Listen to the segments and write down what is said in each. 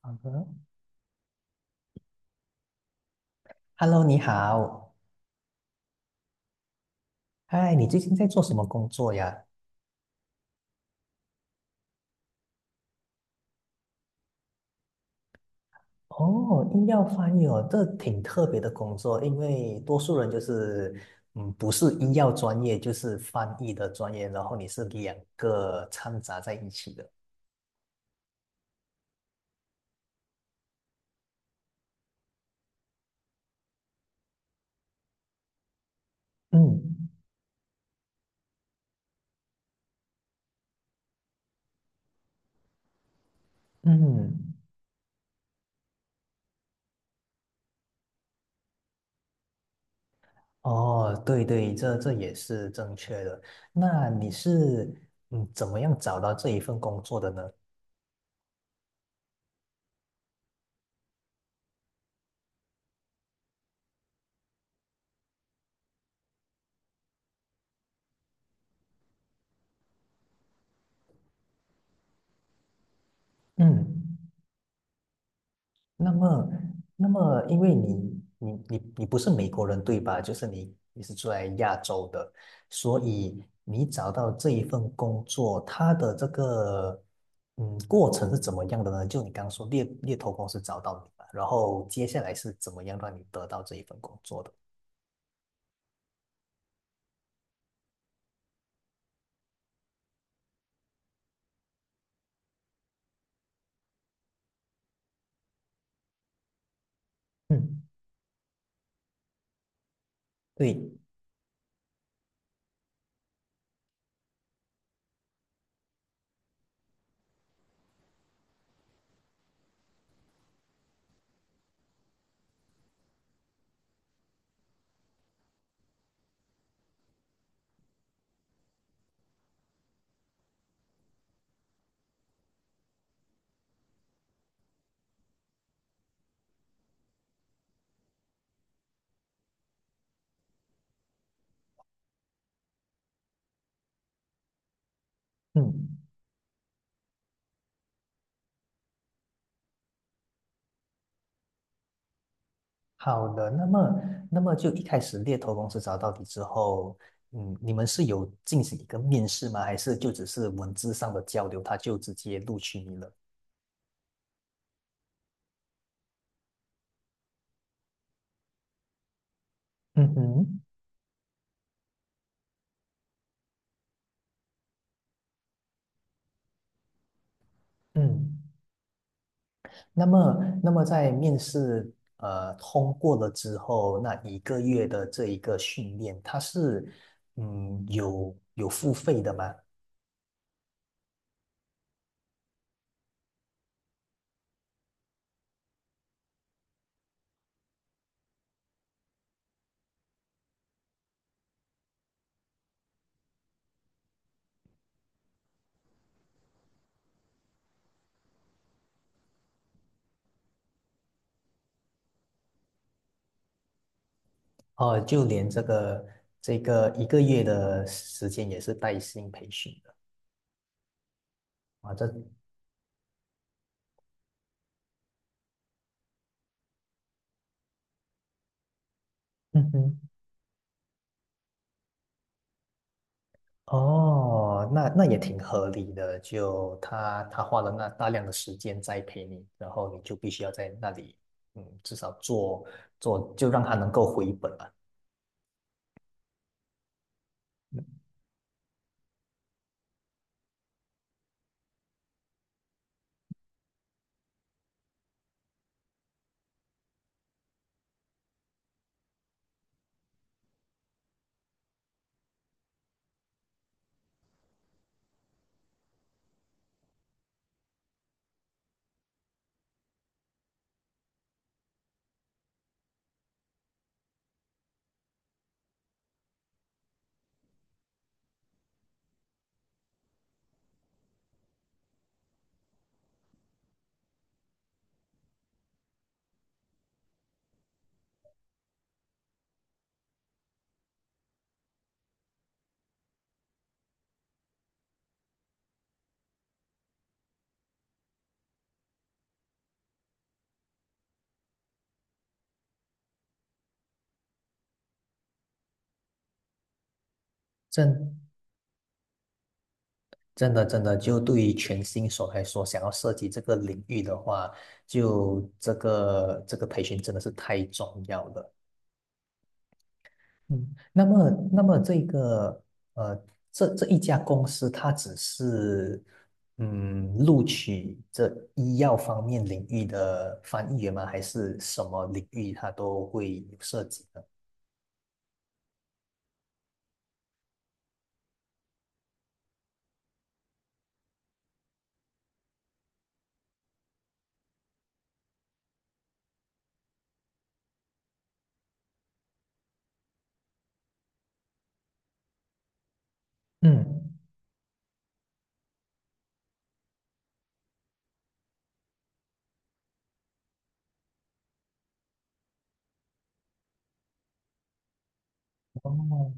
好的，Hello，你好，嗨，你最近在做什么工作呀？哦，医药翻译哦，这挺特别的工作，因为多数人就是，嗯，不是医药专业，就是翻译的专业，然后你是两个掺杂在一起的。嗯嗯，哦，对对，这也是正确的。那你是怎么样找到这一份工作的呢？嗯那么，那么，因为你不是美国人对吧？就是你是住在亚洲的，所以你找到这一份工作，它的这个过程是怎么样的呢？就你刚刚说猎头公司找到你嘛，然后接下来是怎么样让你得到这一份工作的？嗯，对，嗯好的，那么，那么就一开始猎头公司找到你之后，嗯，你们是有进行一个面试吗？还是就只是文字上的交流，他就直接录取你了？嗯哼，嗯，那么，那么在面试通过了之后，那一个月的这一个训练，它是有付费的吗？哦，就连这个这个一个月的时间也是带薪培训的啊，这嗯哼。哦，那那也挺合理的，就他花了那大量的时间栽培你，然后你就必须要在那里，嗯，至少做做，就让他能够回本吧。真真的真的，就对于全新手来说，想要涉及这个领域的话，就这个这个培训真的是太重要了。嗯，那么，那么这个呃，这这一家公司，它只是录取这医药方面领域的翻译员吗？还是什么领域它都会有涉及的？嗯，哦，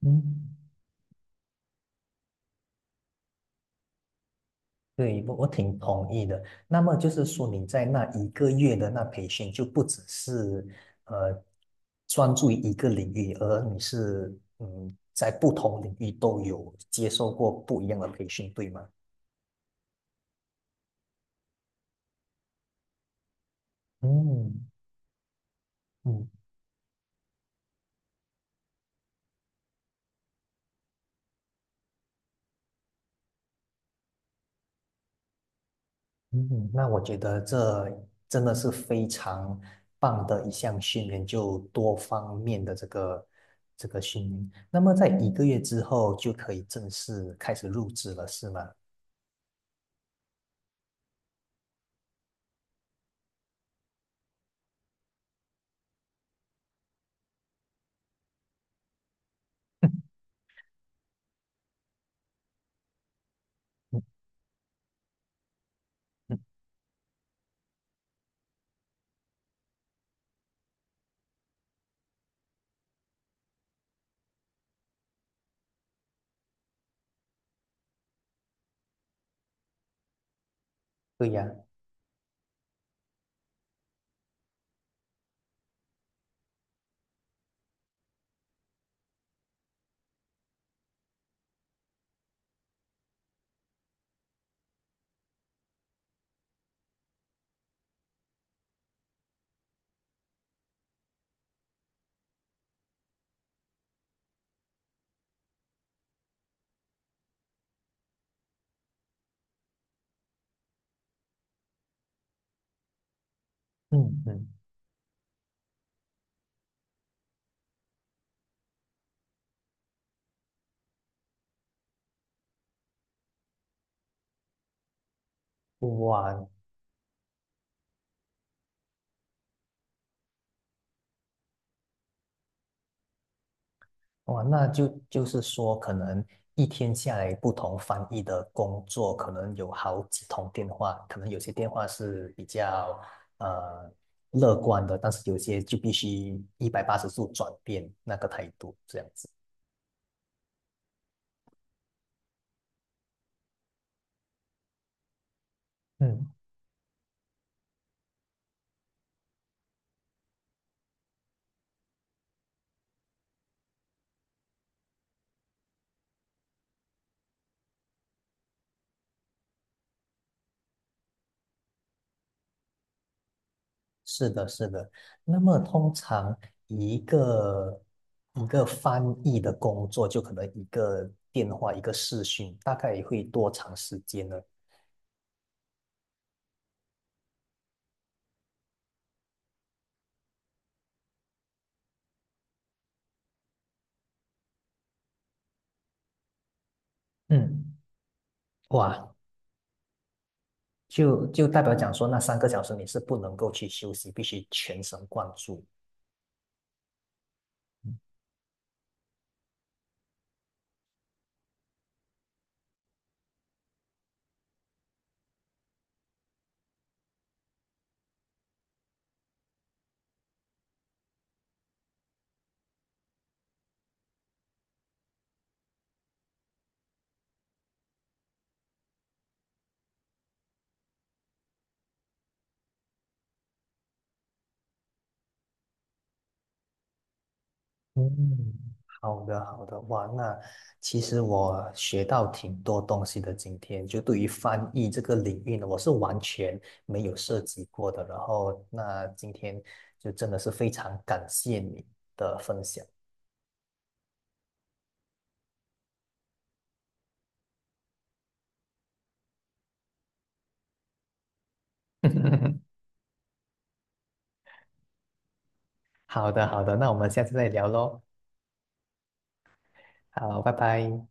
嗯，对，我挺同意的。那么就是说，你在那一个月的那培训，就不只是呃专注于一个领域，而你是在不同领域都有接受过不一样的培训，对吗？嗯嗯嗯，那我觉得这真的是非常棒的一项训练，就多方面的这个这个训练。那么在一个月之后就可以正式开始入职了，是吗？嗯，对呀。嗯嗯。哇哇，那就是说，可能一天下来，不同翻译的工作，可能有好几通电话，可能有些电话是比较呃乐观的，但是有些就必须180度转变那个态度，这样子。嗯，是的，是的。那么通常一个一个翻译的工作，就可能一个电话，一个视讯，大概会多长时间呢？嗯。哇，就代表讲说，那3个小时你是不能够去休息，必须全神贯注。嗯，好的，好的，哇，那其实我学到挺多东西的。今天就对于翻译这个领域呢，我是完全没有涉及过的。然后，那今天就真的是非常感谢你的分享。好的，好的，那我们下次再聊喽。好，拜拜。